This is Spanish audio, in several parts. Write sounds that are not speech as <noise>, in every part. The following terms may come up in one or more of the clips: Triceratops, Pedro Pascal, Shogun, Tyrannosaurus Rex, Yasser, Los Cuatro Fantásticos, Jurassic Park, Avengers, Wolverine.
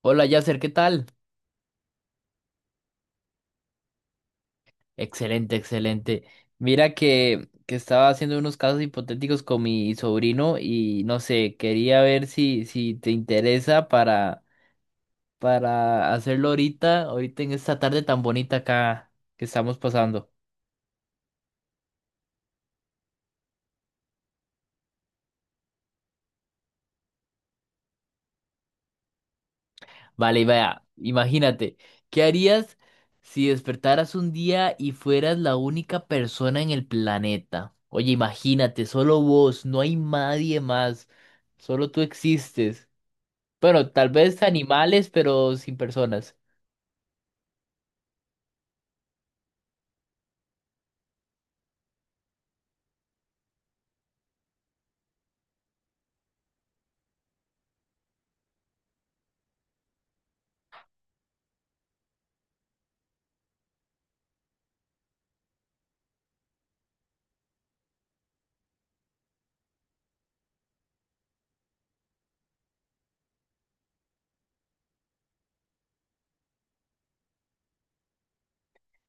Hola Yasser, ¿qué tal? Excelente, excelente. Mira que estaba haciendo unos casos hipotéticos con mi sobrino y no sé, quería ver si te interesa para hacerlo ahorita, ahorita en esta tarde tan bonita acá que estamos pasando. Vale, y vea, imagínate, ¿qué harías si despertaras un día y fueras la única persona en el planeta? Oye, imagínate, solo vos, no hay nadie más, solo tú existes. Bueno, tal vez animales, pero sin personas.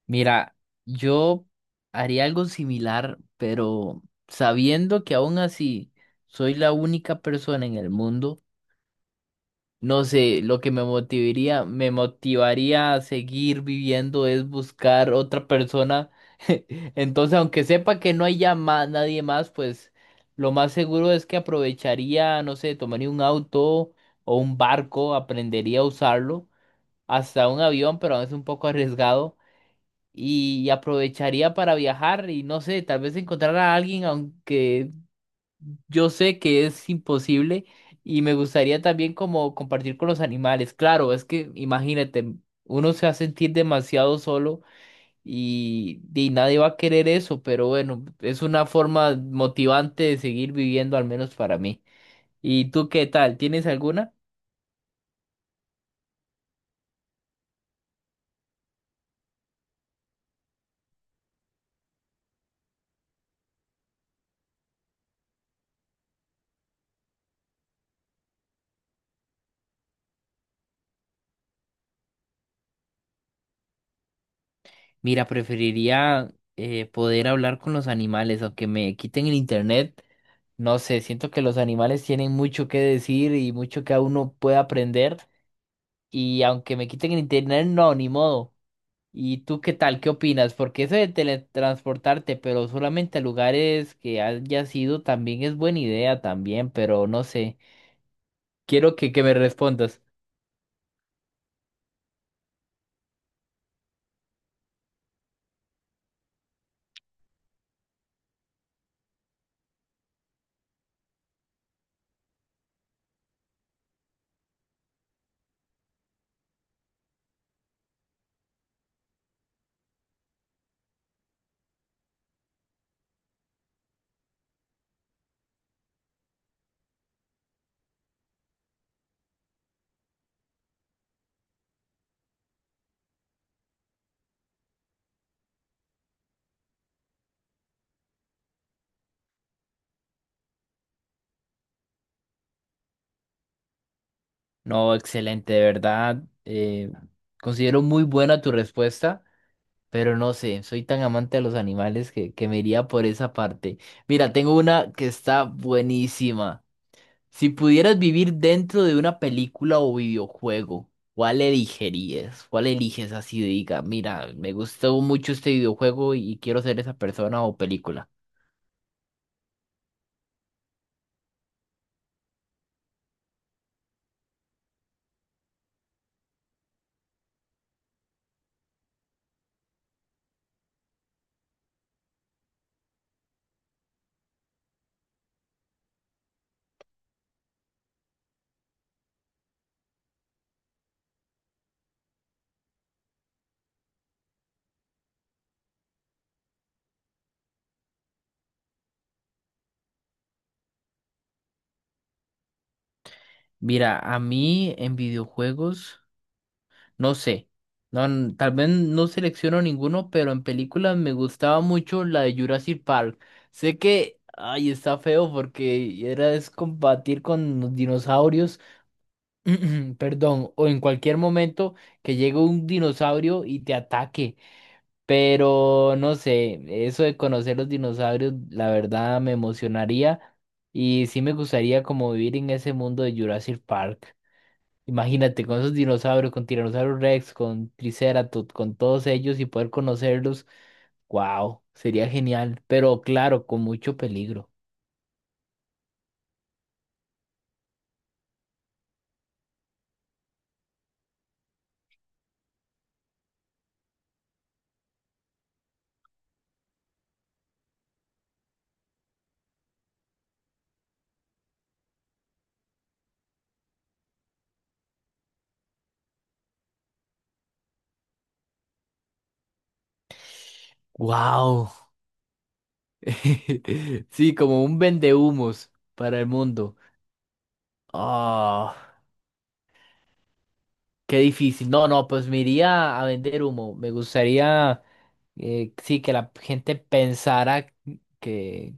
Mira, yo haría algo similar, pero sabiendo que aún así soy la única persona en el mundo, no sé, lo que me motivaría a seguir viviendo es buscar otra persona. <laughs> Entonces, aunque sepa que no hay ya nadie más, pues lo más seguro es que aprovecharía, no sé, tomaría un auto o un barco, aprendería a usarlo hasta un avión, pero es un poco arriesgado. Y aprovecharía para viajar y no sé, tal vez encontrar a alguien, aunque yo sé que es imposible. Y me gustaría también como compartir con los animales. Claro, es que imagínate, uno se va a sentir demasiado solo y nadie va a querer eso, pero bueno, es una forma motivante de seguir viviendo, al menos para mí. ¿Y tú qué tal? ¿Tienes alguna? Mira, preferiría poder hablar con los animales, aunque me quiten el internet. No sé, siento que los animales tienen mucho que decir y mucho que a uno puede aprender. Y aunque me quiten el internet, no, ni modo. ¿Y tú qué tal? ¿Qué opinas? Porque eso de teletransportarte, pero solamente a lugares que hayas ido, también es buena idea también, pero no sé. Quiero que me respondas. No, excelente, de verdad. Considero muy buena tu respuesta. Pero no sé, soy tan amante de los animales que me iría por esa parte. Mira, tengo una que está buenísima. Si pudieras vivir dentro de una película o videojuego, ¿cuál elegirías? ¿Cuál eliges así? Diga, mira, me gustó mucho este videojuego y quiero ser esa persona o película. Mira, a mí en videojuegos. No sé. No, tal vez no selecciono ninguno, pero en películas me gustaba mucho la de Jurassic Park. Sé que, ay, está feo porque era es combatir con los dinosaurios, <clears throat> perdón, o en cualquier momento que llegue un dinosaurio y te ataque. Pero no sé, eso de conocer los dinosaurios, la verdad me emocionaría y sí me gustaría como vivir en ese mundo de Jurassic Park. Imagínate con esos dinosaurios, con Tyrannosaurus Rex, con Triceratops, con todos ellos y poder conocerlos. Wow, sería genial, pero claro, con mucho peligro. Wow. <laughs> Sí, como un vendehumos para el mundo. Ah, qué difícil. No, no, pues me iría a vender humo. Me gustaría sí, que la gente pensara que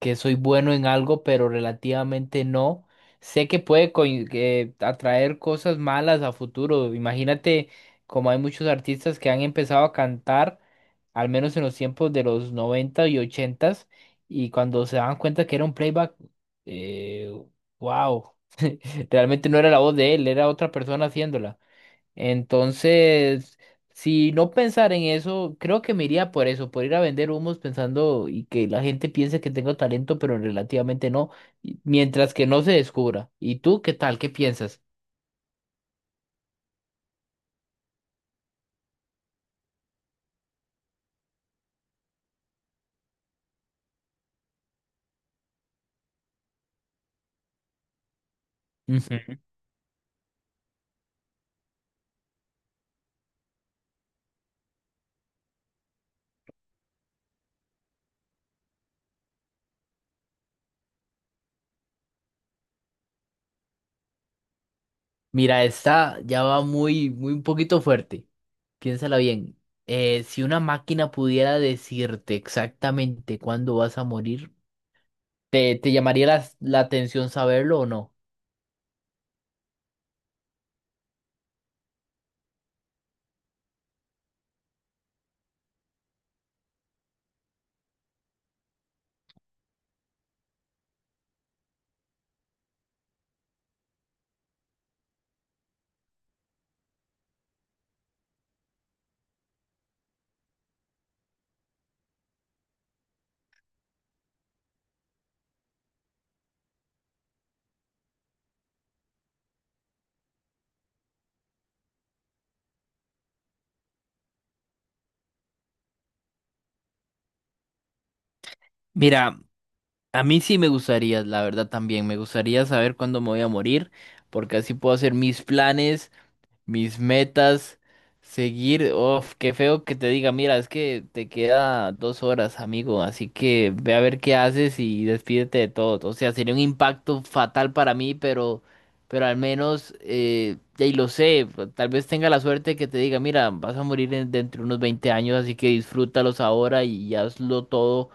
que soy bueno en algo, pero relativamente no. Sé que puede coin- que atraer cosas malas a futuro. Imagínate, como hay muchos artistas que han empezado a cantar, al menos en los tiempos de los 90 y 80 y cuando se dan cuenta que era un playback, eh, wow, realmente no era la voz de él, era otra persona haciéndola. Entonces, si no pensar en eso, creo que me iría por eso, por ir a vender humos pensando y que la gente piense que tengo talento, pero relativamente no, mientras que no se descubra. ¿Y tú qué tal? ¿Qué piensas? Ujú. Mira, esta ya va muy, muy un poquito fuerte. Piénsala bien. Si una máquina pudiera decirte exactamente cuándo vas a morir, ¿te llamaría la atención saberlo o no? Mira, a mí sí me gustaría, la verdad también, me gustaría saber cuándo me voy a morir, porque así puedo hacer mis planes, mis metas, seguir, uf, qué feo que te diga, mira, es que te queda 2 horas, amigo, así que ve a ver qué haces y despídete de todo. O sea, sería un impacto fatal para mí, pero al menos, ya y lo sé, pues, tal vez tenga la suerte que te diga, mira, vas a morir dentro de unos 20 años, así que disfrútalos ahora y hazlo todo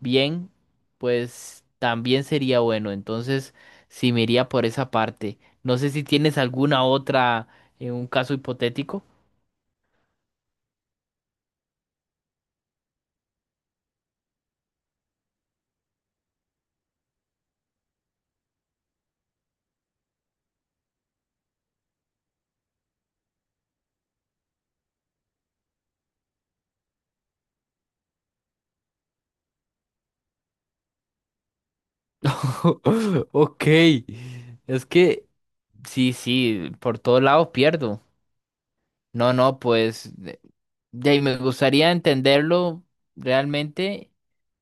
bien, pues también sería bueno. Entonces, sí me iría por esa parte. No sé si tienes alguna otra en un caso hipotético. <laughs> Ok, es que sí, sí, por todos lados pierdo. No, no, pues de ahí me gustaría entenderlo realmente.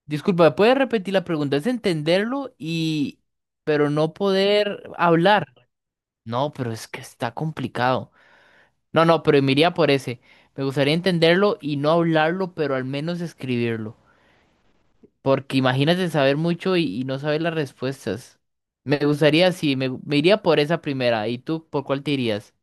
Disculpa, ¿puedes repetir la pregunta? Es entenderlo y, pero no poder hablar. No, pero es que está complicado. No, no, pero me iría por ese. Me gustaría entenderlo y no hablarlo, pero al menos escribirlo. Porque imagínate saber mucho y no saber las respuestas. Me gustaría, sí, me iría por esa primera. ¿Y tú por cuál te irías?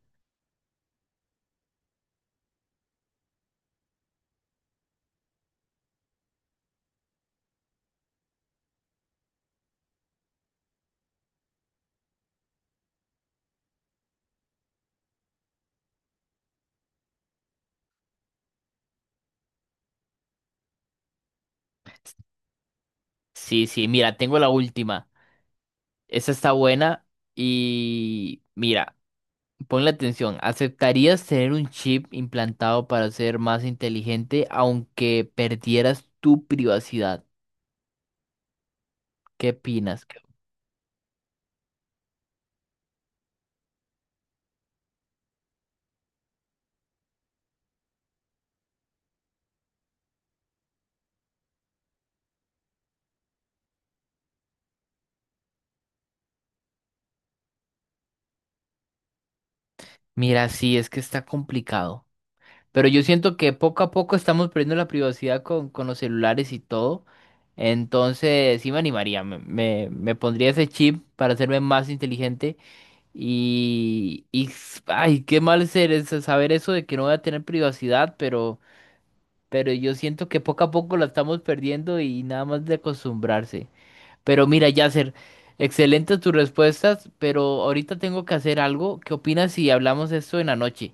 Sí, sí, mira, tengo la última. Esa está buena y mira, ponle atención. ¿Aceptarías tener un chip implantado para ser más inteligente aunque perdieras tu privacidad? ¿Qué opinas? Mira, sí, es que está complicado. Pero yo siento que poco a poco estamos perdiendo la privacidad con los celulares y todo. Entonces, sí me animaría, me pondría ese chip para hacerme más inteligente. Y, ay, qué mal ser eso, saber eso de que no voy a tener privacidad, pero yo siento que poco a poco la estamos perdiendo y nada más de acostumbrarse. Pero mira, Yasser, excelentes tus respuestas, pero ahorita tengo que hacer algo. ¿Qué opinas si hablamos esto en la noche?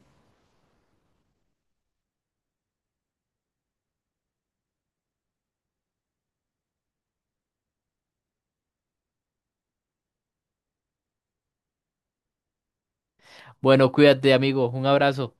Bueno, cuídate, amigo. Un abrazo.